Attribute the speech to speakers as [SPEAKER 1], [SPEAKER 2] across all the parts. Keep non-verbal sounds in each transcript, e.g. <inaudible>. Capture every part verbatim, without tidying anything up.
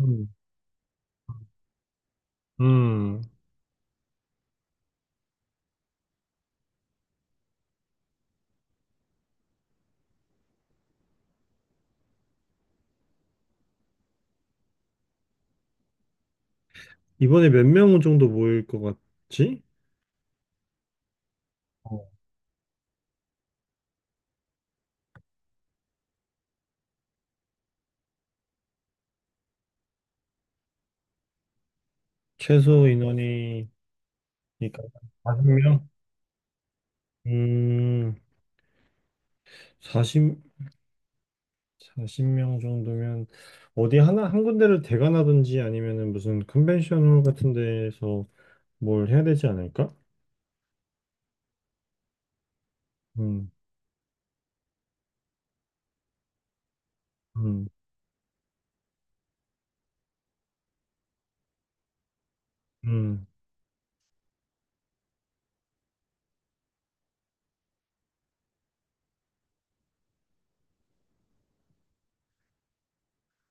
[SPEAKER 1] 음. 음. 이번에 몇 명 정도 모일 것 같지? 어. 최소 인원이, 그러니까 사십 명? 음, 사십 사십 명 정도면 어디 하나, 한 군데를 대관하든지 아니면은 무슨 컨벤션홀 같은 데에서 뭘 해야 되지 않을까? 음, 음, 음.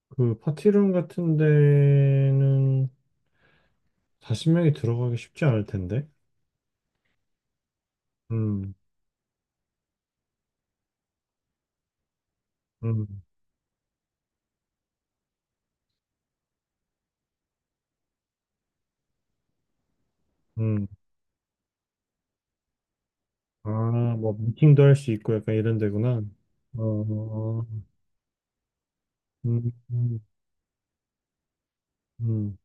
[SPEAKER 1] 그 파티룸 같은 데는 사십 명이 들어가기 쉽지 않을 텐데. 음, 음, 음. 아, 뭐 미팅도 할 수 있고 약간 이런 데구나. 어, 어, 어. 음, 음, 음.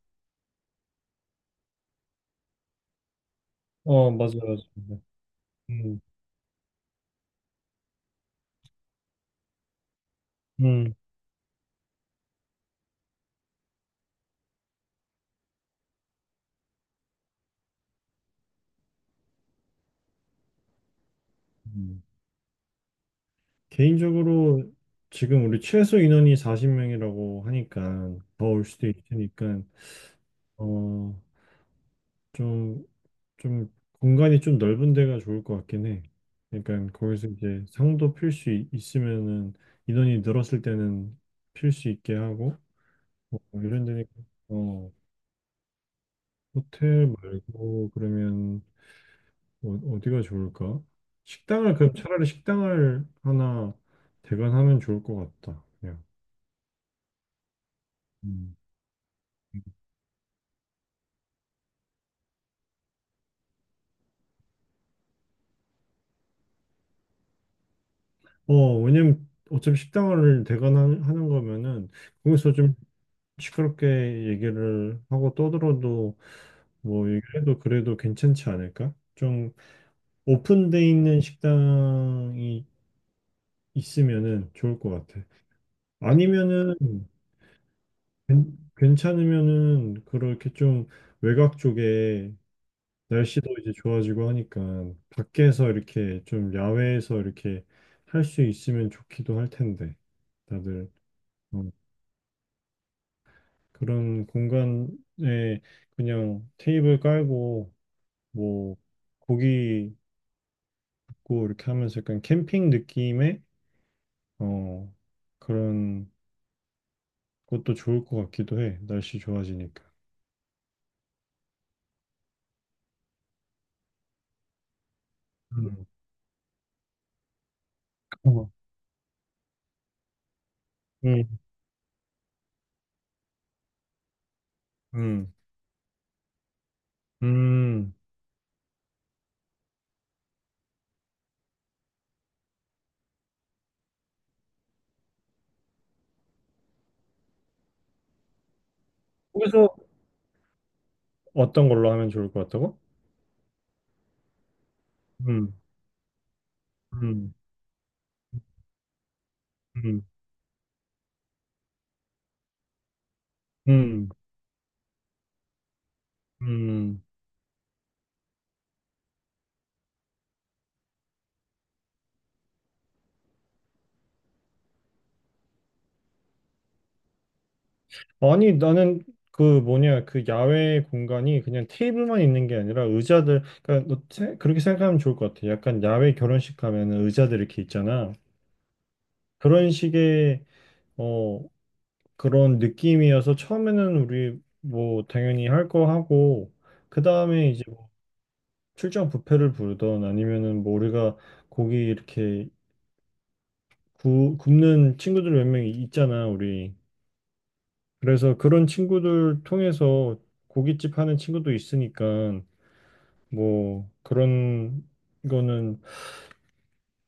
[SPEAKER 1] 어, 맞아요, 맞아요. 음, 음. 음. 개인적으로 지금 우리 최소 인원이 사십 명이라고 하니까 더 올 수도 있으니까 어, 좀, 좀 공간이 좀 넓은 데가 좋을 것 같긴 해. 그러니까 거기서 이제 상도 필 수 있으면은 인원이 늘었을 때는 필 수 있게 하고 뭐 이런 데니까. 어. 호텔 말고 그러면 어, 디가 좋을까? 식당을 그럼 차라리 식당을 하나 대관하면 좋을 것 같다. 그냥. 음. 어, 왜냐면 어차피 식당을 대관하는 거면은 거기서 좀 시끄럽게 얘기를 하고 떠들어도 뭐 얘기해도 그래도 괜찮지 않을까? 좀 오픈돼 있는 식당이 있으면은 좋을 것 같아. 아니면은 괜- 괜찮으면은 그렇게 좀 외곽 쪽에 날씨도 이제 좋아지고 하니까 밖에서 이렇게 좀 야외에서 이렇게 할 수 있으면 좋기도 할 텐데 다들 어, 그런 공간에 그냥 테이블 깔고 뭐 고기 굽고 이렇게 하면서 약간 캠핑 느낌의 어 그런 것도 좋을 것 같기도 해 날씨 좋아지니까. 음. 어. 음. 음. 음. 거기서 어떤 걸로 하면 좋을 것 같다고? 음, 음, 음, 음, 음. 아니, 나는 그 뭐냐, 그 야외 공간이 그냥 테이블만 있는 게 아니라 의자들, 그러니까 너 세- 그렇게 생각하면 좋을 것 같아. 약간 야외 결혼식 가면은 의자들 이렇게 있잖아. 그런 식의, 어, 그런 느낌이어서 처음에는 우리 뭐 당연히 할 거 하고, 그 다음에 이제 뭐 출장 뷔페를 부르던 아니면은 뭐 우리가 고기 이렇게 구, 굽는 친구들 몇 명 있잖아, 우리. 그래서 그런 친구들 통해서 고깃집 하는 친구도 있으니까 뭐 그런 거는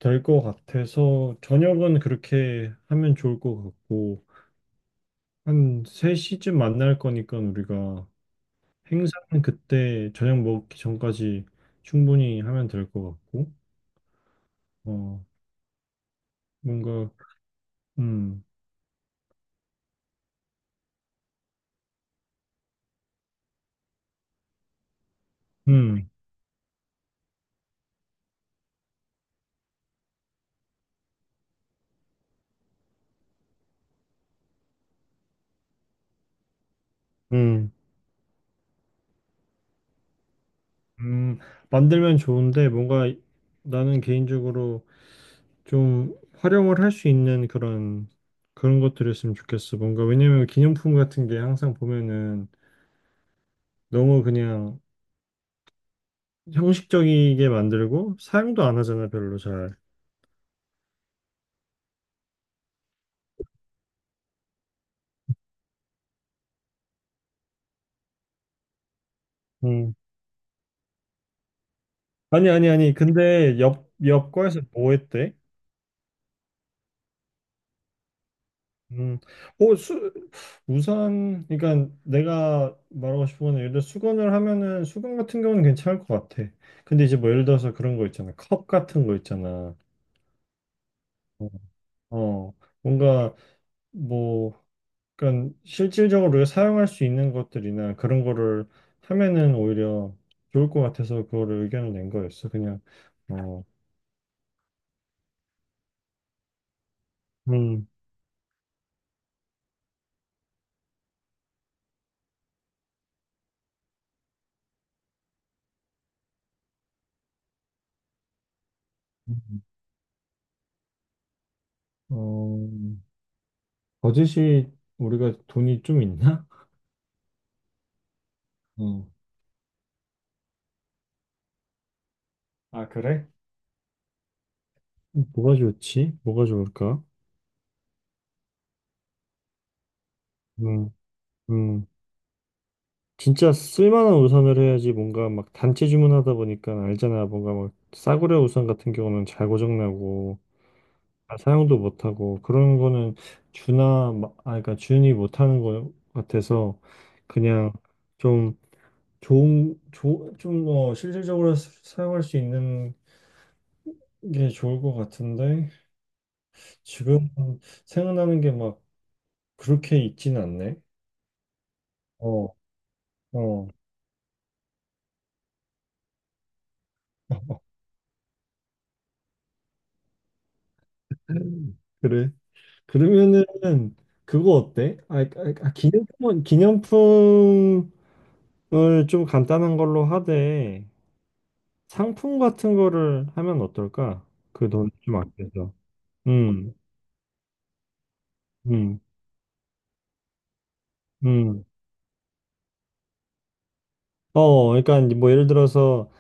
[SPEAKER 1] 될 것 같아서 저녁은 그렇게 하면 좋을 것 같고 한 세 시쯤 만날 거니까 우리가 행사는 그때 저녁 먹기 전까지 충분히 하면 될 것 같고 어 뭔가 음 음, 음, 음, 만들면 좋은데 뭔가 나는 개인적으로 좀 활용을 할 수 있는 그런 그런 것들이었으면 좋겠어. 뭔가 왜냐면 기념품 같은 게 항상 보면은 너무 그냥 형식적이게 만들고 사용도 안 하잖아, 별로 잘. 음. 아니 아니 아니. 근데 옆 옆과에서 뭐 했대? 음. 어, 수, 우산 그러니까 내가 말하고 싶은 건 예를 들어 수건을 하면은 수건 같은 경우는 괜찮을 것 같아. 근데 이제 뭐 예를 들어서 그런 거 있잖아. 컵 같은 거 있잖아. 어. 어. 뭔가 뭐 그러니까 실질적으로 사용할 수 있는 것들이나 그런 거를 하면은 오히려 좋을 것 같아서 그거를 의견을 낸 거였어. 그냥 어, 음, 어, 버젯이 우리가 돈이 좀 있나? 어. 아, 그래? 뭐가 좋지? 뭐가 좋을까? 음, 음. 진짜 쓸만한 우산을 해야지 뭔가 막 단체 주문하다 보니까 알잖아. 뭔가 막 싸구려 우산 같은 경우는 잘 고장나고 아, 사용도 못하고 그런 거는 주나 마- 아 그러니까 준이 못하는 거 같아서 그냥 좀 좋은 좀뭐 실질적으로 사- 사용할 수 있는 게 좋을 것 같은데 지금 생각나는 게 막 그렇게 있진 않네. 어, 어. <laughs> 그래. 그러면은 그거 어때? 아, 아, 아, 기념품 기념품을 좀 간단한 걸로 하되 상품 같은 거를 하면 어떨까? 그 돈 좀 아껴서. 음, 음, 음. 어, 그러니까 이제 뭐 예를 들어서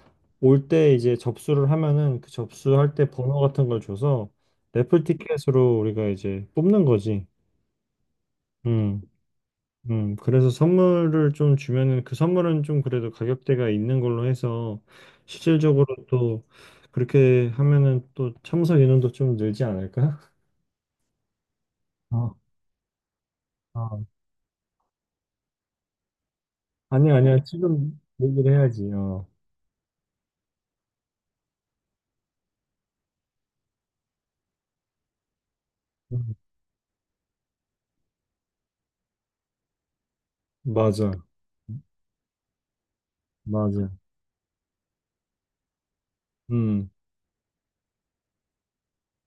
[SPEAKER 1] 올 때 이제 접수를 하면은 그 접수할 때 번호 같은 걸 줘서 래플 티켓으로 우리가 이제 뽑는 거지. 음, 음. 그래서 선물을 좀 주면은 그 선물은 좀 그래도 가격대가 있는 걸로 해서 실질적으로 또 그렇게 하면은 또 참석 인원도 좀 늘지 않을까? <laughs> 어, 어. 아니, 아니야. 지금 얘기를 해야지. 어. 음, 맞아. 맞아. 음,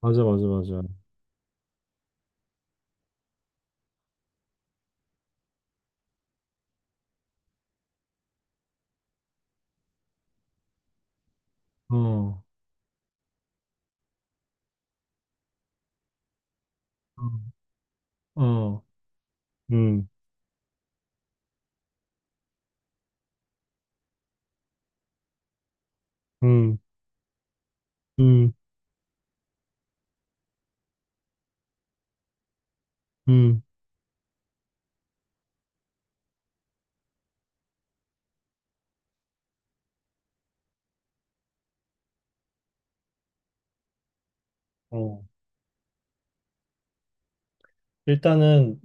[SPEAKER 1] 맞아, 맞아, 맞아. 어, 어, 어. 음, 음, 음, 음. 어. 일단은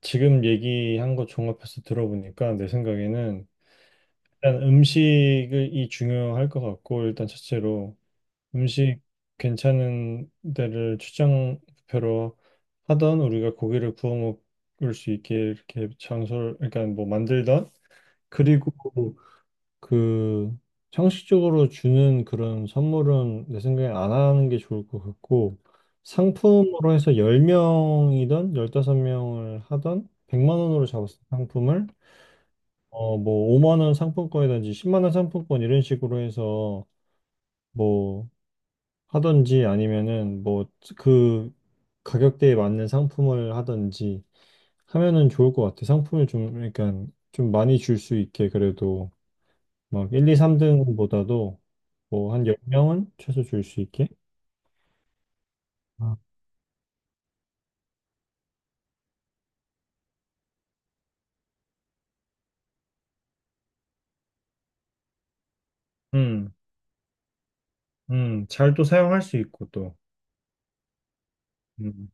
[SPEAKER 1] 지금 얘기한 거 종합해서 들어보니까 내 생각에는 일단 음식이 중요할 것 같고 일단 첫째로 음식 괜찮은 데를 출장표로 하던 우리가 고기를 구워 먹을 수 있게 이렇게 장소를 그러니까 뭐 만들던 그리고 그 형식적으로 주는 그런 선물은 내 생각엔 안 하는 게 좋을 것 같고 상품으로 해서 십 명이든 십오 명을 하던 백만 원으로 잡았을 때 상품을 어 뭐 오만 원 상품권이든지 십만 원 상품권 이런 식으로 해서 뭐 하든지 아니면은 뭐 그 가격대에 맞는 상품을 하든지 하면은 좋을 것 같아. 상품을 좀 그러니까 좀 많이 줄 수 있게 그래도 막 일, 이, 삼 등보다도 뭐 한 십 명은 최소 줄 수 있게? 아, 음, 음, 잘 또 사용할 수 있고 또. 음,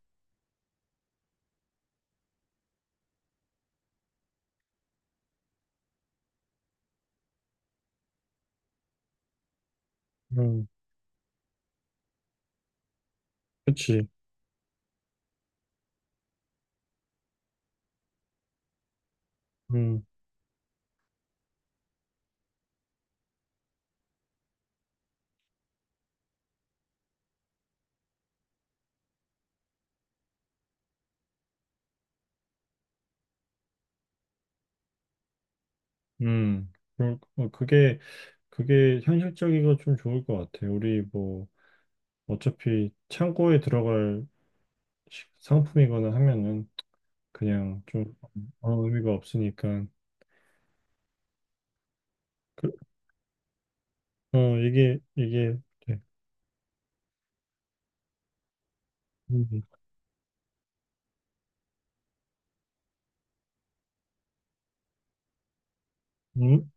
[SPEAKER 1] 음, 그치. 음, 음. 그럴- 어, 그게, 그게 현실적이고 좀 좋을 것 같아. 우리 뭐, 어차피 창고에 들어갈 시- 상품이거나 하면은 그냥 좀 아무 의미가 없으니까. 그, 어, 이게, 이게, 돼. 음, 음,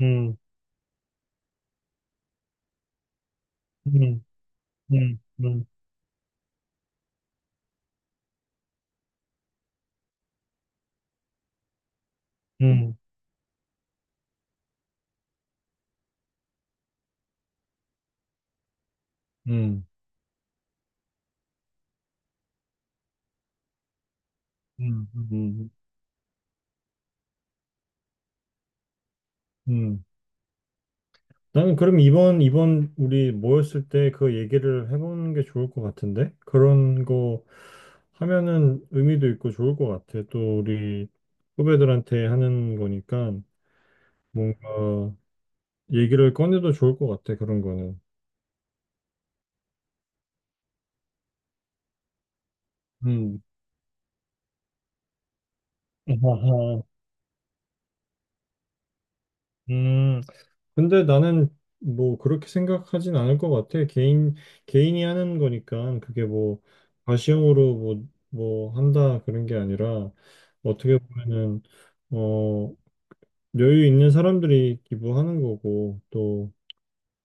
[SPEAKER 1] 음, 음, 음, 음, 음. 음. 음, 음, 음. 나는 그럼 이번, 이번 우리 모였을 때 그 얘기를 해보는 게 좋을 것 같은데? 그런 거 하면은 의미도 있고 좋을 것 같아. 또 우리 후배들한테 하는 거니까 뭔가 얘기를 꺼내도 좋을 것 같아, 그런 거는. 음. <laughs> 아하. 음. 근데 나는 뭐 그렇게 생각하진 않을 것 같아. 개인, 개인이 하는 거니까 그게 뭐 과시형으로 뭐, 뭐 한다 그런 게 아니라 어떻게 보면은, 어, 여유 있는 사람들이 기부하는 거고 또,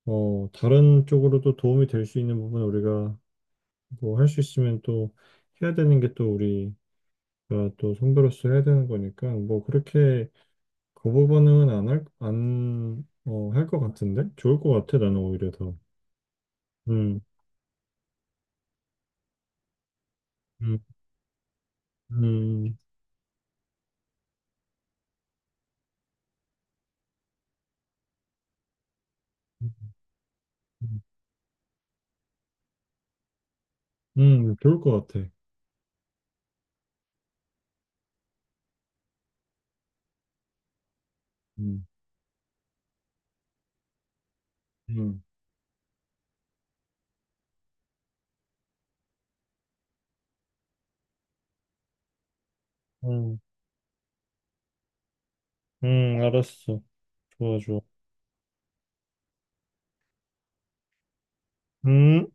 [SPEAKER 1] 어, 다른 쪽으로도 도움이 될 수 있는 부분 우리가 뭐 할 수 있으면 또 해야 되는 게 또 우리가 또 선배로서 해야 되는 거니까 뭐 그렇게 거부 반응은 안 할, 안, 어, 할 것 같은데? 좋을 것 같아, 나는 오히려 더. 음, 음, 음, 음, 음, 음, 좋을 것 같아. 음, 음, 음, 음, 알았어. 좋아, 좋아. 음.